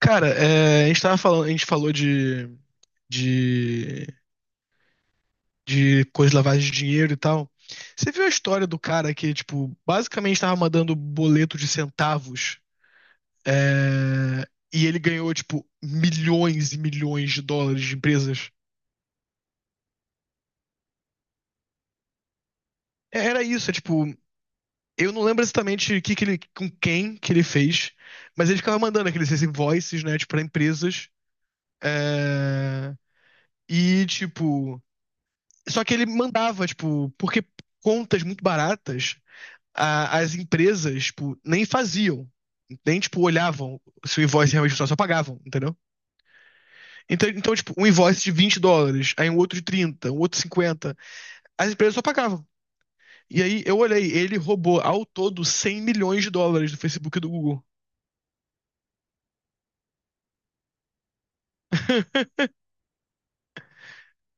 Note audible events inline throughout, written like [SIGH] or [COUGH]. Cara, a gente tava falando, a gente falou de, de coisa de lavagem de dinheiro e tal. Você viu a história do cara que, tipo, basicamente tava mandando boleto de centavos, é, e ele ganhou, tipo, milhões e milhões de dólares de empresas? Era isso, é tipo, eu não lembro exatamente o que que ele, com quem que ele fez, mas ele ficava mandando aqueles invoices, né, tipo, pra empresas, é, e, tipo... Só que ele mandava, tipo, porque contas muito baratas, as empresas, tipo, nem faziam. Nem, tipo, olhavam se o invoice realmente funcionava, só pagavam, entendeu? Então, tipo, um invoice de US$ 20, aí um outro de 30 um outro de 50, as empresas só pagavam. E aí eu olhei, ele roubou ao todo US$ 100 milhões do Facebook e do Google.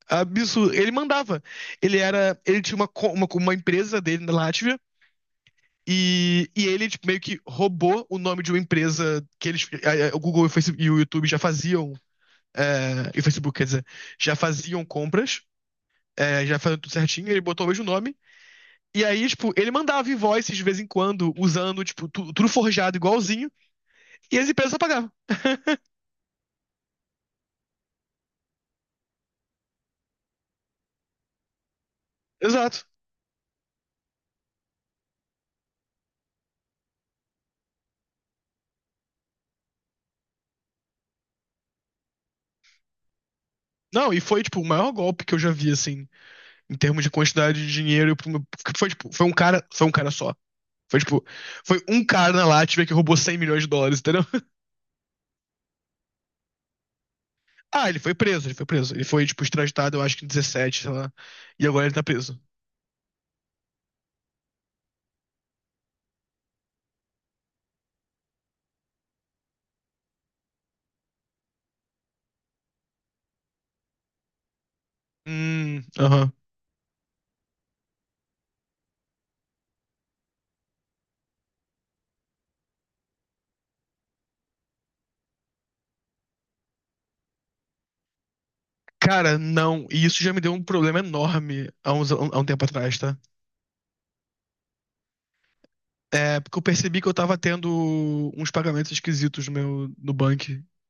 Absurdo. Ele mandava. Ele tinha uma, uma empresa dele na Látvia, e ele tipo, meio que roubou o nome de uma empresa que eles. O Google e o e o YouTube já faziam. É, e o Facebook, quer dizer, já faziam compras, é, já faziam tudo certinho, ele botou o mesmo nome. E aí, tipo, ele mandava invoices de vez em quando, usando, tipo, tudo forjado igualzinho, e as empresas só pagavam. Exato. Não, e foi, tipo, o maior golpe que eu já vi, assim, em termos de quantidade de dinheiro. Porque Foi, tipo, foi um cara só. Foi, tipo, foi um cara na Latvia que roubou US$ 100 milhões, entendeu? Ah, ele foi preso. Ele foi, tipo, extraditado, eu acho que em 2017, sei lá. E agora ele tá preso. Aham. Cara, não. E isso já me deu um problema enorme há, uns, há um tempo atrás, tá? É, porque eu percebi que eu tava tendo uns pagamentos esquisitos no banco.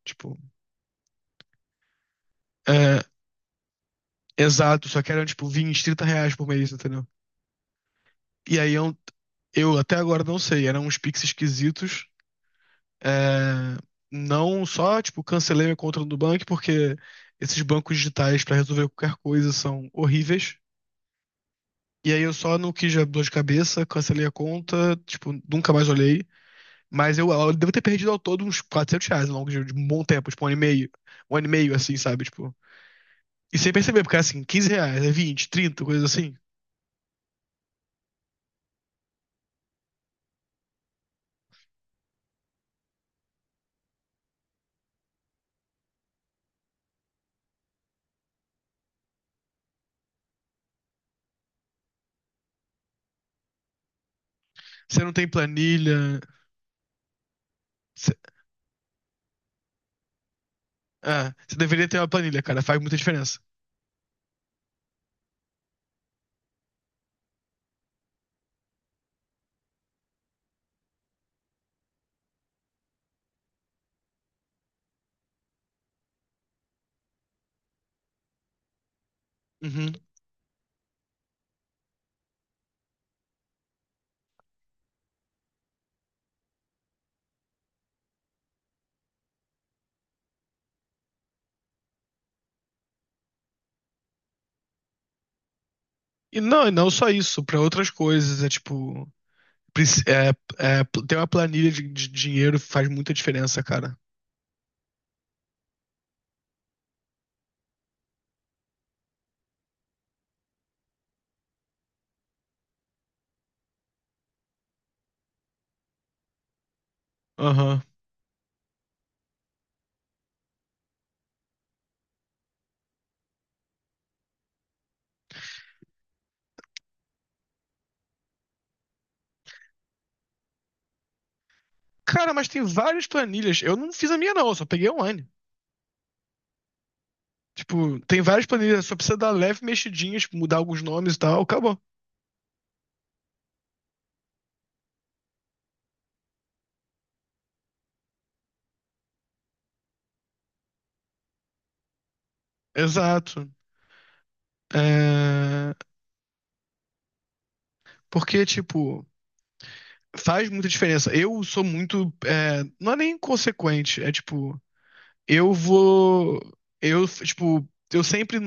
Tipo, é, exato, só que eram, tipo, R$ 20, 30 por mês, entendeu? E aí eu, eu até agora não sei, eram uns Pix esquisitos. É, não só, tipo, cancelei minha conta do banco porque esses bancos digitais pra resolver qualquer coisa são horríveis. E aí eu só não quis dar dor de cabeça, cancelei a conta, tipo, nunca mais olhei. Mas eu devo ter perdido ao todo uns R$ 400 ao longo de um bom tempo, tipo, um ano e meio, assim, sabe? Tipo, e sem perceber, porque assim, R$ 15, é 20, 30, coisa assim. Você não tem planilha, você é, você deveria ter uma planilha, cara. Faz muita diferença. Uhum. E não só isso, pra outras coisas. É tipo, preci- é, é, ter uma planilha de dinheiro faz muita diferença, cara. Aham. Cara, mas tem várias planilhas. Eu não fiz a minha, não, eu só peguei online. Tipo, tem várias planilhas, só precisa dar leve mexidinha, tipo, mudar alguns nomes e tal, acabou. Exato. É, porque, tipo, faz muita diferença. Eu sou muito. Não é nem inconsequente, é tipo, eu vou. Eu, tipo, eu sempre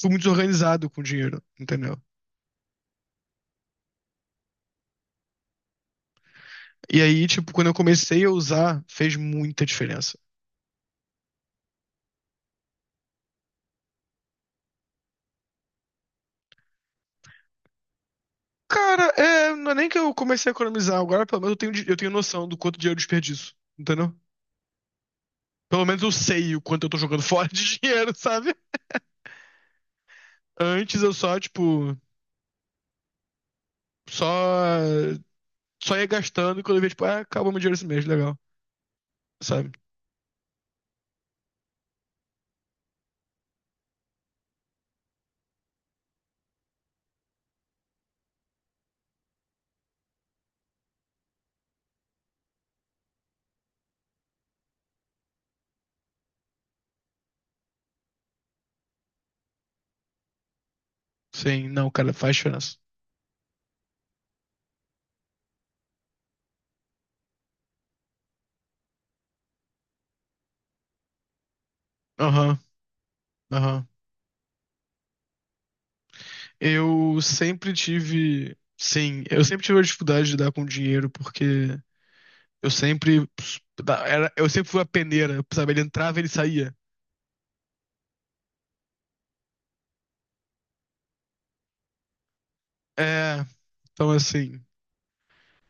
fui muito desorganizado com dinheiro, entendeu? E aí, tipo, quando eu comecei a usar, fez muita diferença. Cara, é, não é nem que eu comecei a economizar, agora pelo menos eu tenho, eu tenho noção do quanto dinheiro eu desperdiço, entendeu? Pelo menos eu sei o quanto eu tô jogando [LAUGHS] fora de dinheiro, sabe? Antes eu só, tipo, só, só ia gastando e quando eu via, tipo, ah, acabou meu dinheiro esse mês, legal, sabe? Sim, não, cara, faz diferença. Aham, aham. Eu sempre tive. Sim, eu sempre tive a dificuldade de dar com dinheiro, porque eu sempre. Era, eu sempre fui a peneira, sabe? Ele entrava, e ele saía. É, então assim.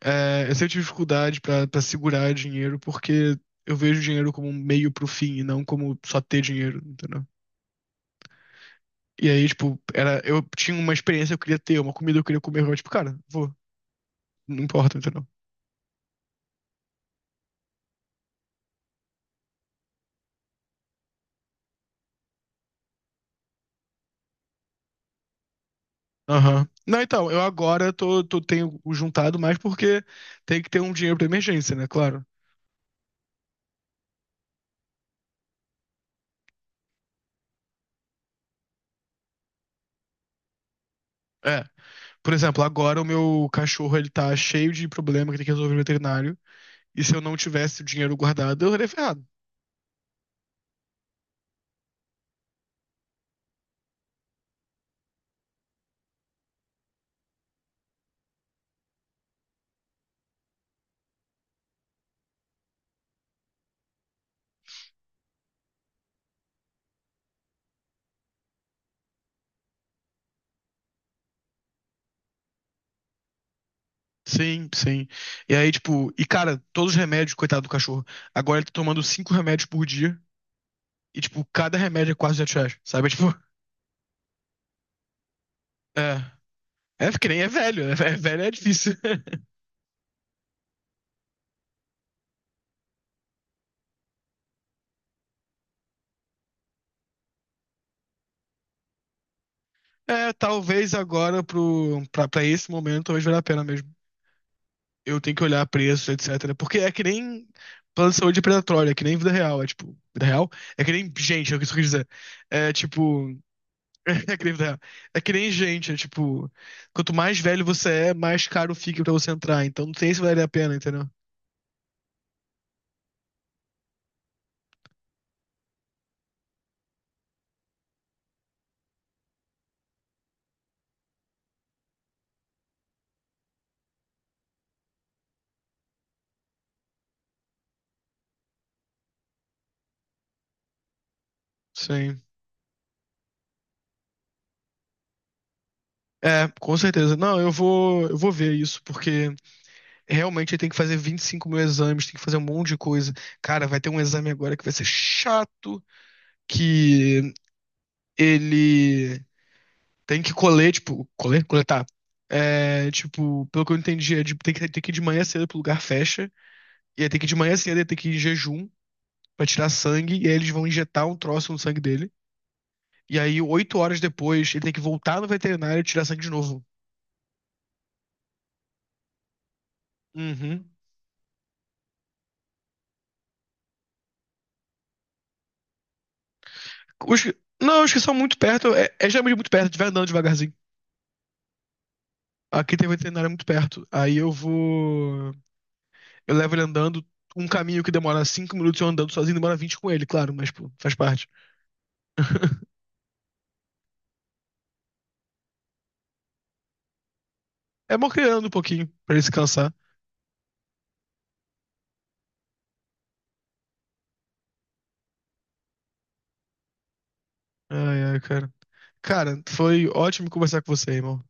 É, eu sempre tive dificuldade pra segurar dinheiro porque eu vejo dinheiro como um meio pro fim e não como só ter dinheiro, entendeu? E aí, tipo, era, eu tinha uma experiência que eu queria ter, uma comida que eu queria comer, eu, tipo, cara, vou, não importa, entendeu? Aham. Não, então, eu agora tô, tenho juntado mais porque tem que ter um dinheiro pra emergência, né? Claro. É. Por exemplo, agora o meu cachorro, ele tá cheio de problema que tem que resolver no veterinário. E se eu não tivesse o dinheiro guardado, eu estaria ferrado. Sim, sim. E aí, tipo, e cara, todos os remédios, coitado do cachorro. Agora ele tá tomando cinco remédios por dia. E, tipo, cada remédio é quase R$ 200, sabe? É, tipo, [LAUGHS] é. É que nem é velho, né? É velho é difícil. [LAUGHS] É, talvez agora pra esse momento, talvez valha a pena mesmo. Eu tenho que olhar preço, etc. Porque é que nem plano de saúde predatório, é que nem vida real. É tipo, vida real? É que nem gente, é o que isso quer dizer. É tipo. [LAUGHS] É que nem, é que nem gente, é tipo, quanto mais velho você é, mais caro fica pra você entrar. Então não sei se vale a pena, entendeu? Sim. É, com certeza. Não, eu vou ver isso, porque realmente tem que fazer 25 mil exames, tem que fazer um monte de coisa. Cara, vai ter um exame agora que vai ser chato, que ele tem que colher, tipo, colher, coletar. É, tipo, pelo que eu entendi, é tem que ir de manhã cedo pro lugar fecha, e aí tem que ir de manhã cedo, e tem que ir em jejum pra tirar sangue, e aí eles vão injetar um troço no sangue dele. E aí, 8 horas depois, ele tem que voltar no veterinário e tirar sangue de novo. Uhum. Os que- não, os que são muito perto, é geralmente muito perto, tiver andando devagarzinho. Aqui tem um veterinário muito perto. Aí eu vou. Eu levo ele andando. Um caminho que demora 5 minutos eu andando sozinho, demora 20 com ele, claro, mas pô, faz parte. [LAUGHS] É bom criando um pouquinho pra ele se cansar. Ai, ai, cara. Cara, foi ótimo conversar com você, irmão.